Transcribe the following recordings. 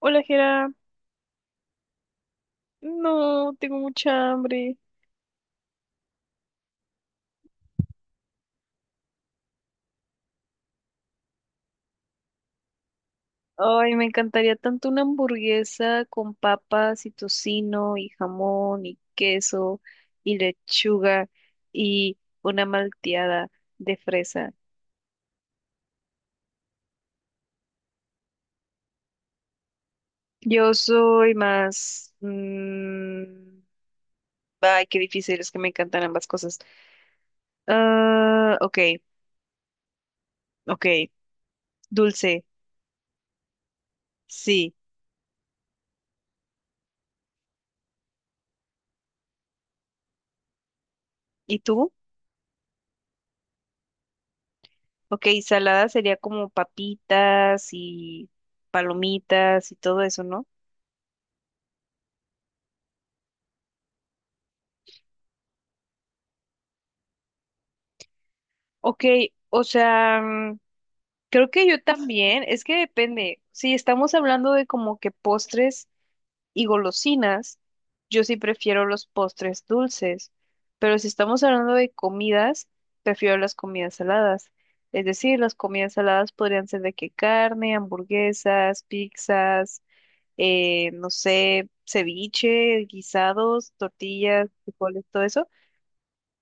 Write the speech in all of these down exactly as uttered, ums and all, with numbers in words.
Hola, Jera. No, tengo mucha hambre. Ay, me encantaría tanto una hamburguesa con papas y tocino y jamón y queso y lechuga y una malteada de fresa. Yo soy más... mm, ay, qué difícil, es que me encantan ambas cosas. Ah, ok, ok. Dulce, sí. ¿Y tú? Ok, salada sería como papitas y palomitas y todo eso, ¿no? Ok, o sea, mm, creo que yo también, es que depende. Si estamos hablando de como que postres y golosinas, yo sí prefiero los postres dulces, pero si estamos hablando de comidas, prefiero las comidas saladas. Es decir, las comidas saladas podrían ser de que carne, hamburguesas, pizzas, eh, no sé, ceviche, guisados, tortillas, frijoles, todo eso.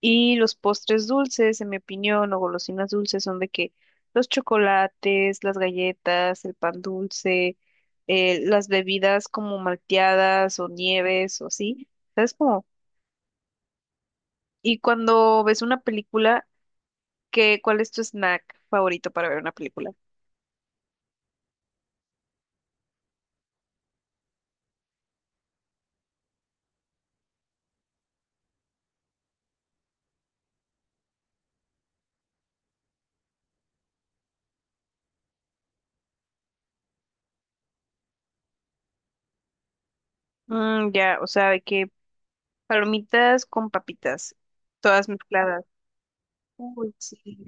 Y los postres dulces, en mi opinión, o golosinas dulces, son de que los chocolates, las galletas, el pan dulce, eh, las bebidas como malteadas o nieves o así, ¿sabes cómo? Y cuando ves una película, ¿qué, cuál es tu snack favorito para ver una película? Mm, ya, o sea, de que palomitas con papitas, todas mezcladas. Uy, sí.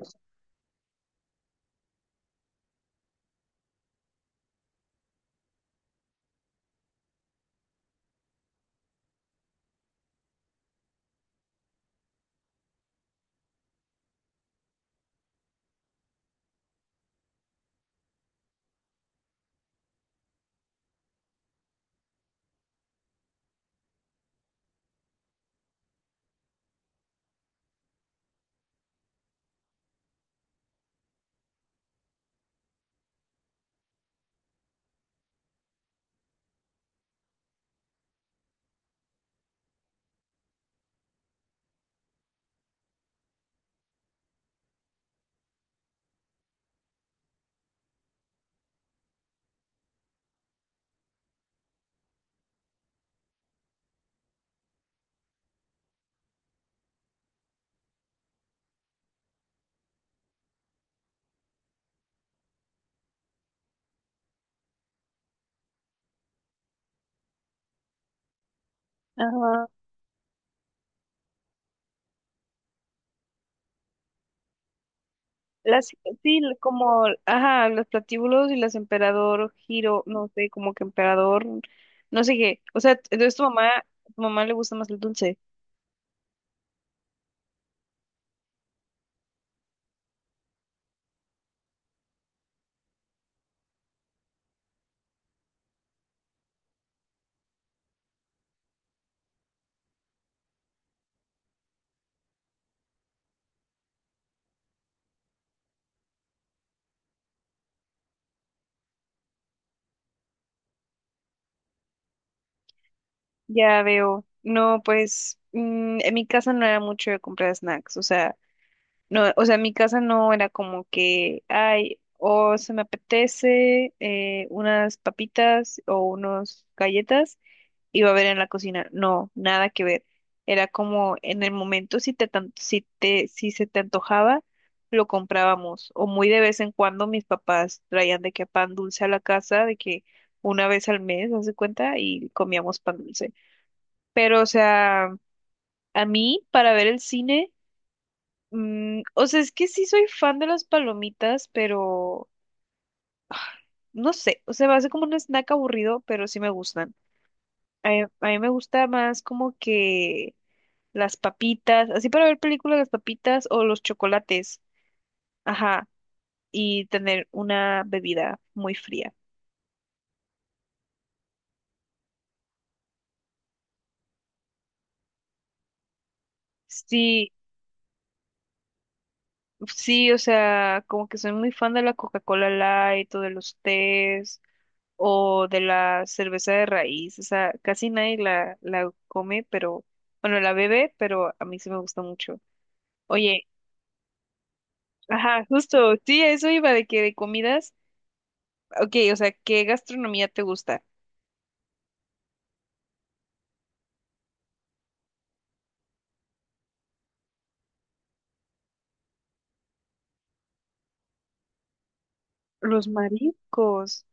Las, sí, como, ajá, los platíbulos y las emperador, giro, no sé, como que emperador, no sé qué. O sea, entonces tu mamá, tu mamá le gusta más el dulce. Ya veo. No, pues, mm, en mi casa no era mucho de comprar snacks. O sea, no, o sea, en mi casa no era como que, ay, o se me apetece eh, unas papitas o unos galletas. Iba a ver en la cocina. No, nada que ver. Era como en el momento si te, tan- si te, si se te antojaba, lo comprábamos. O muy de vez en cuando mis papás traían de que pan dulce a la casa, de que una vez al mes, haz de cuenta, y comíamos pan dulce. Pero, o sea, a mí, para ver el cine, mm, o sea, es que sí soy fan de las palomitas, pero no sé, o sea, va a ser como un snack aburrido, pero sí me gustan. A a mí me gusta más como que las papitas, así para ver películas, las papitas o los chocolates, ajá, y tener una bebida muy fría. Sí, sí, o sea, como que soy muy fan de la Coca-Cola Light o de los tés o de la cerveza de raíz, o sea, casi nadie la, la come, pero, bueno, la bebe, pero a mí sí me gusta mucho. Oye, ajá, justo, sí, a eso iba de que de comidas, ok, o sea, ¿qué gastronomía te gusta? Los mariscos.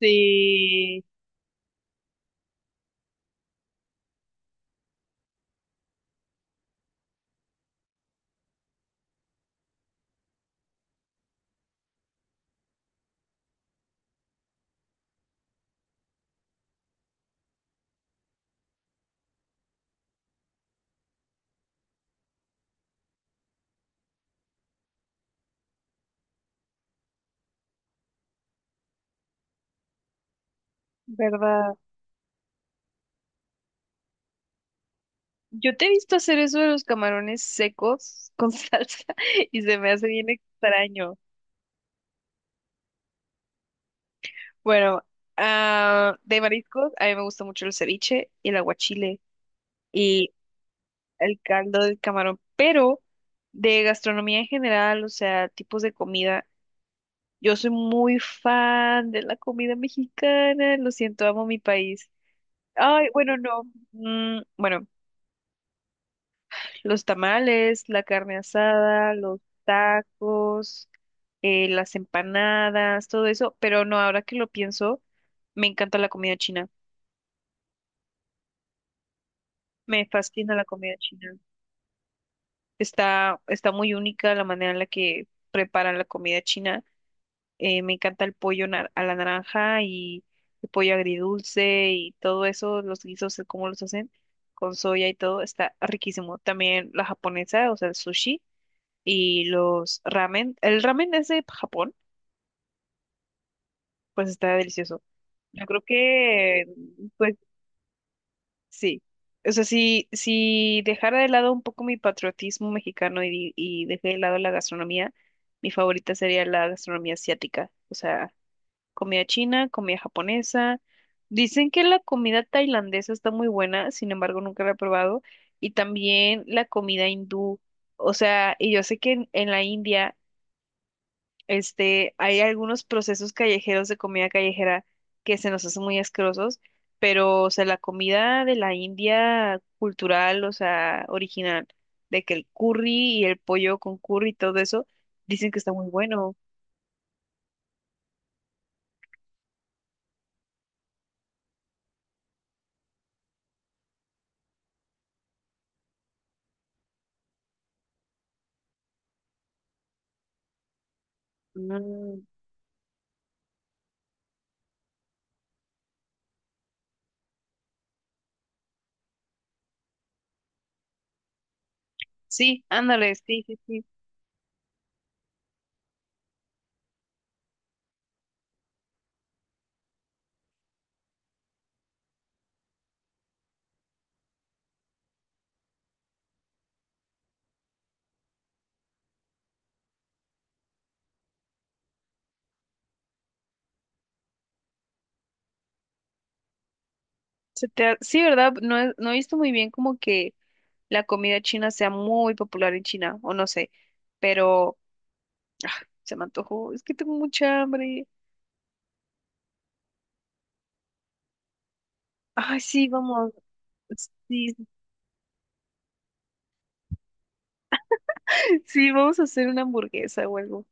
Sí, ¿verdad? Yo te he visto hacer eso de los camarones secos con salsa y se me hace bien extraño. Bueno, ah, de mariscos, a mí me gusta mucho el ceviche, el aguachile y el caldo del camarón, pero de gastronomía en general, o sea, tipos de comida, yo soy muy fan de la comida mexicana, lo siento, amo mi país. Ay, bueno, no. mm, bueno. Los tamales, la carne asada, los tacos, eh, las empanadas, todo eso. Pero no, ahora que lo pienso, me encanta la comida china. Me fascina la comida china. Está, está muy única la manera en la que preparan la comida china. Eh, me encanta el pollo nar- a la naranja y el pollo agridulce y todo eso, los guisos, el cómo los hacen con soya y todo, está riquísimo. También la japonesa, o sea, el sushi. Y los ramen, el ramen es de Japón, pues está delicioso. Yo creo que, pues sí. O sea, si, si dejara de lado un poco mi patriotismo mexicano y, di- y dejé de lado la gastronomía, mi favorita sería la gastronomía asiática. O sea, comida china, comida japonesa. Dicen que la comida tailandesa está muy buena, sin embargo, nunca la he probado. Y también la comida hindú. O sea, y yo sé que en en la India. Este, hay algunos procesos callejeros de comida callejera que se nos hacen muy asquerosos, pero, o sea, la comida de la India cultural, o sea, original, de que el curry y el pollo con curry y todo eso, dicen que está muy bueno. Mm, sí, ándale, sí, sí, sí. Se te ha- sí, ¿verdad? No, he- no he visto muy bien como que la comida china sea muy popular en China, o no sé, pero ah, se me antojó, es que tengo mucha hambre. Ay, sí, vamos. Sí, sí, vamos a hacer una hamburguesa o algo.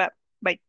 Va, bye.